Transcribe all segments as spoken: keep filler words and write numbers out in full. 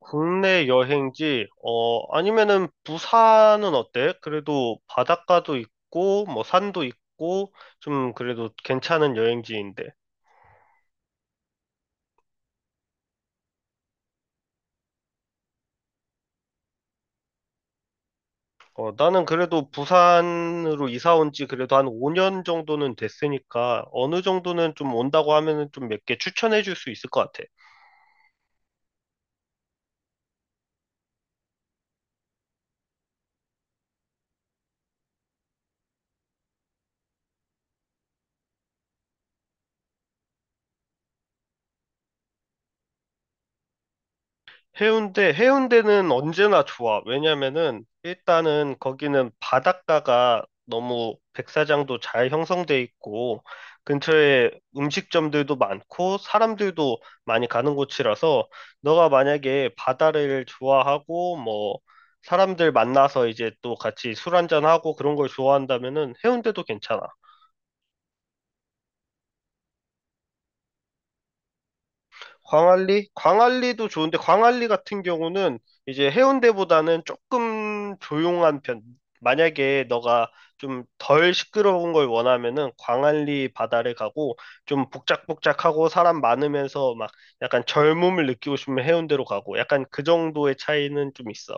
국내 여행지, 어, 아니면은 부산은 어때? 그래도 바닷가도 있고, 뭐 산도 있고, 좀 그래도 괜찮은 여행지인데. 어, 나는 그래도 부산으로 이사 온지 그래도 한 오 년 정도는 됐으니까, 어느 정도는 좀 온다고 하면은 좀 몇 개 추천해 줄 수 있을 것 같아. 해운대, 해운대는 언제나 좋아. 왜냐면은 일단은 거기는 바닷가가 너무 백사장도 잘 형성돼 있고 근처에 음식점들도 많고 사람들도 많이 가는 곳이라서 너가 만약에 바다를 좋아하고 뭐 사람들 만나서 이제 또 같이 술 한잔하고 그런 걸 좋아한다면은 해운대도 괜찮아. 광안리? 광안리도 좋은데 광안리 같은 경우는 이제 해운대보다는 조금 조용한 편. 만약에 너가 좀 덜 시끄러운 걸 원하면은 광안리 바다를 가고 좀 복작복작하고 사람 많으면서 막 약간 젊음을 느끼고 싶으면 해운대로 가고 약간 그 정도의 차이는 좀 있어.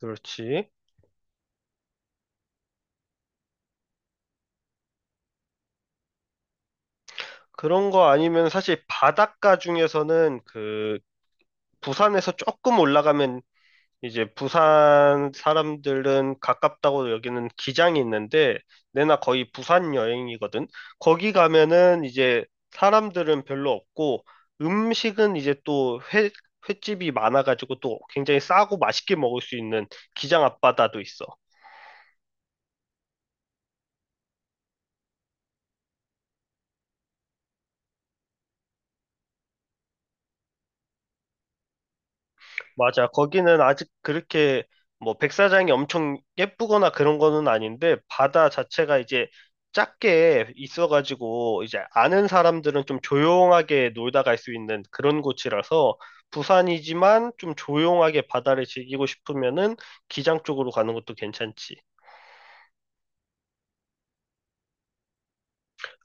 그렇지. 그런 거 아니면 사실 바닷가 중에서는 그 부산에서 조금 올라가면 이제 부산 사람들은 가깝다고 여기는 기장이 있는데 내나 거의 부산 여행이거든. 거기 가면은 이제 사람들은 별로 없고 음식은 이제 또 회, 횟집이 많아가지고 또 굉장히 싸고 맛있게 먹을 수 있는 기장 앞바다도 있어. 맞아. 거기는 아직 그렇게 뭐 백사장이 엄청 예쁘거나 그런 거는 아닌데 바다 자체가 이제 작게 있어가지고 이제 아는 사람들은 좀 조용하게 놀다 갈 수 있는 그런 곳이라서 부산이지만 좀 조용하게 바다를 즐기고 싶으면은 기장 쪽으로 가는 것도 괜찮지.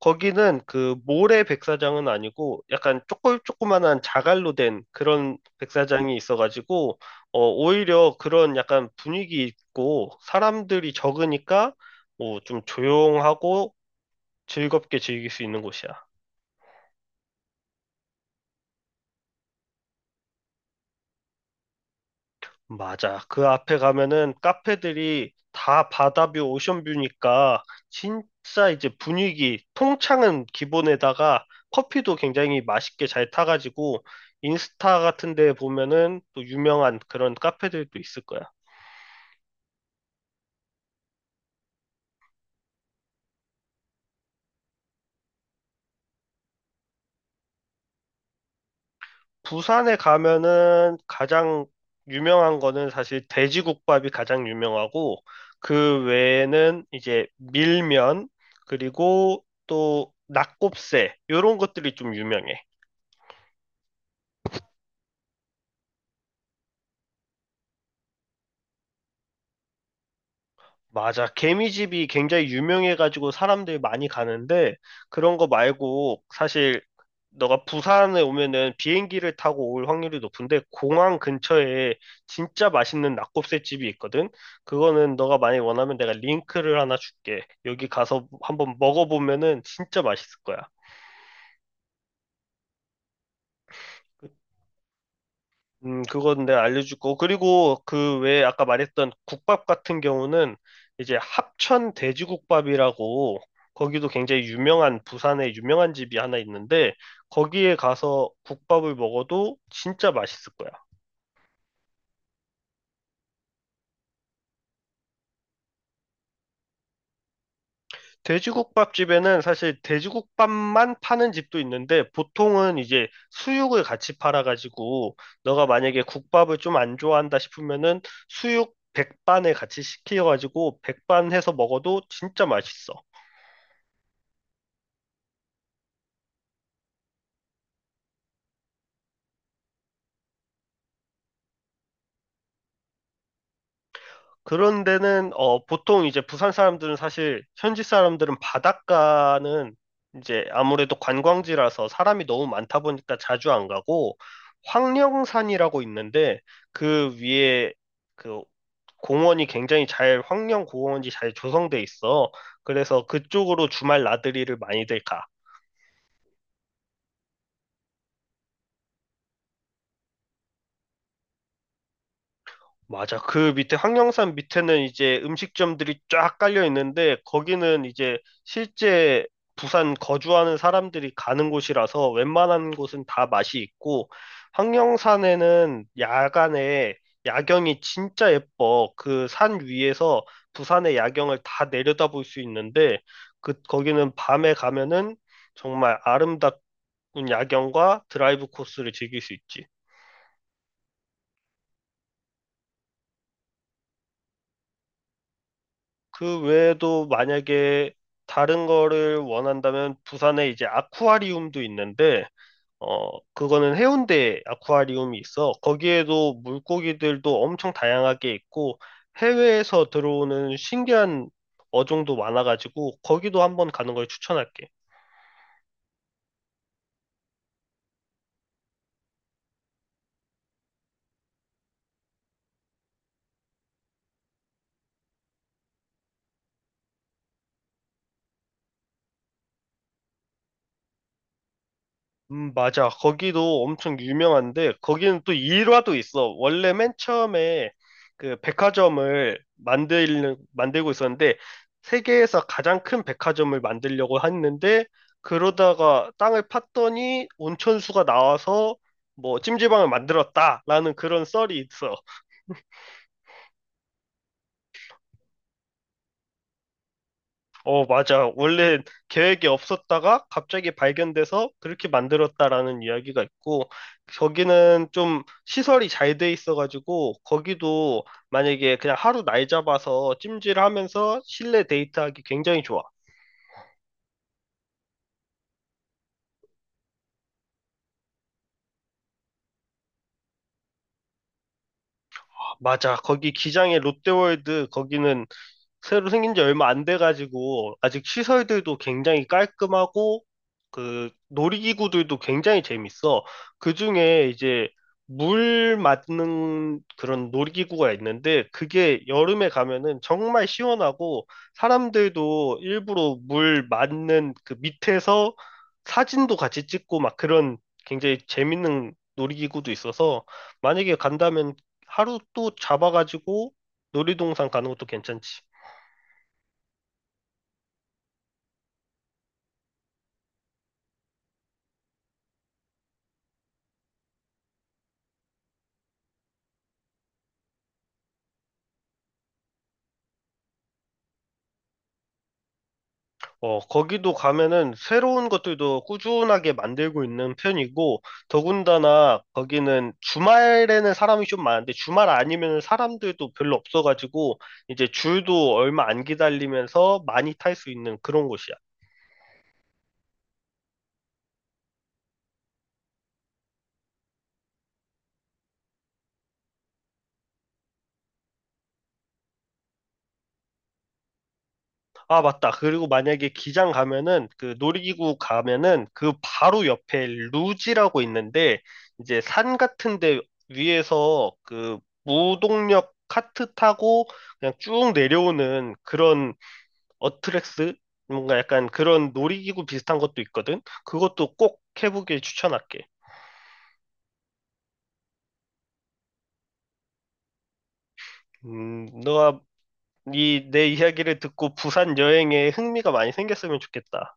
거기는 그 모래 백사장은 아니고 약간 조금 조그만한 자갈로 된 그런 백사장이 있어가지고 어 오히려 그런 약간 분위기 있고 사람들이 적으니까 뭐 좀 조용하고 즐겁게 즐길 수 있는 곳이야. 맞아. 그 앞에 가면은 카페들이 다 바다뷰, 오션뷰니까 진짜 이제 분위기, 통창은 기본에다가 커피도 굉장히 맛있게 잘 타가지고 인스타 같은 데 보면은 또 유명한 그런 카페들도 있을 거야. 부산에 가면은 가장 유명한 거는 사실 돼지국밥이 가장 유명하고 그 외에는 이제 밀면 그리고 또 낙곱새 이런 것들이 좀 유명해. 맞아. 개미집이 굉장히 유명해가지고 사람들이 많이 가는데, 그런 거 말고, 사실, 너가 부산에 오면은 비행기를 타고 올 확률이 높은데, 공항 근처에 진짜 맛있는 낙곱새집이 있거든? 그거는 너가 많이 원하면 내가 링크를 하나 줄게. 여기 가서 한번 먹어보면은 진짜 맛있을 거야. 음, 그건 내가 알려주고. 그리고 그 외에 아까 말했던 국밥 같은 경우는 이제 합천 돼지국밥이라고 거기도 굉장히 유명한 부산에 유명한 집이 하나 있는데 거기에 가서 국밥을 먹어도 진짜 맛있을 거야. 돼지국밥집에는 사실 돼지국밥만 파는 집도 있는데 보통은 이제 수육을 같이 팔아가지고 너가 만약에 국밥을 좀 안 좋아한다 싶으면은 수육 백반에 같이 시켜가지고 백반 해서 먹어도 진짜 맛있어. 그런 데는 어 보통 이제 부산 사람들은 사실 현지 사람들은 바닷가는 이제 아무래도 관광지라서 사람이 너무 많다 보니까 자주 안 가고 황령산이라고 있는데 그 위에 그 공원이 굉장히 잘, 황령 공원이 잘 조성돼 있어. 그래서 그쪽으로 주말 나들이를 많이들 가. 맞아. 그 밑에 황령산 밑에는 이제 음식점들이 쫙 깔려 있는데 거기는 이제 실제 부산 거주하는 사람들이 가는 곳이라서 웬만한 곳은 다 맛이 있고 황령산에는 야간에 야경이 진짜 예뻐. 그 산 위에서 부산의 야경을 다 내려다볼 수 있는데 그 거기는 밤에 가면은 정말 아름답은 야경과 드라이브 코스를 즐길 수 있지. 그 외에도 만약에 다른 거를 원한다면 부산에 이제 아쿠아리움도 있는데, 어, 그거는 해운대 아쿠아리움이 있어. 거기에도 물고기들도 엄청 다양하게 있고, 해외에서 들어오는 신기한 어종도 많아가지고, 거기도 한번 가는 걸 추천할게. 음, 맞아. 거기도 엄청 유명한데, 거기는 또 일화도 있어. 원래 맨 처음에 그 백화점을 만들는, 만들고 있었는데, 세계에서 가장 큰 백화점을 만들려고 했는데, 그러다가 땅을 팠더니 온천수가 나와서 뭐 찜질방을 만들었다라는 그런 썰이 있어. 어, 맞아. 원래 계획이 없었다가 갑자기 발견돼서 그렇게 만들었다라는 이야기가 있고, 거기는 좀 시설이 잘 돼 있어가지고, 거기도 만약에 그냥 하루 날 잡아서 찜질하면서 실내 데이트하기 굉장히 좋아. 맞아. 거기 기장의 롯데월드, 거기는 새로 생긴 지 얼마 안 돼가지고 아직 시설들도 굉장히 깔끔하고 그 놀이기구들도 굉장히 재밌어. 그중에 이제 물 맞는 그런 놀이기구가 있는데 그게 여름에 가면은 정말 시원하고 사람들도 일부러 물 맞는 그 밑에서 사진도 같이 찍고 막 그런 굉장히 재밌는 놀이기구도 있어서 만약에 간다면 하루 또 잡아가지고 놀이동산 가는 것도 괜찮지. 어, 거기도 가면은 새로운 것들도 꾸준하게 만들고 있는 편이고, 더군다나 거기는 주말에는 사람이 좀 많은데, 주말 아니면 사람들도 별로 없어가지고, 이제 줄도 얼마 안 기다리면서 많이 탈 수 있는 그런 곳이야. 아, 맞다. 그리고 만약에 기장 가면은, 그 놀이기구 가면은, 그 바로 옆에 루지라고 있는데, 이제 산 같은 데 위에서 그 무동력 카트 타고 그냥 쭉 내려오는 그런 어트렉스 뭔가 약간 그런 놀이기구 비슷한 것도 있거든. 그것도 꼭 해보길 추천할게. 음, 너가 이 내 이야기를 듣고 부산 여행에 흥미가 많이 생겼으면 좋겠다.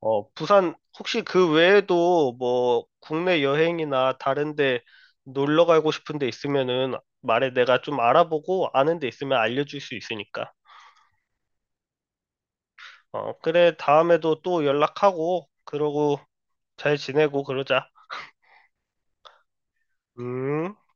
어, 부산 혹시 그 외에도 뭐 국내 여행이나 다른데 놀러 가고 싶은 데 있으면은 말해 내가 좀 알아보고 아는 데 있으면 알려줄 수 있으니까. 어, 그래 다음에도 또 연락하고 그러고 잘 지내고 그러자. 음.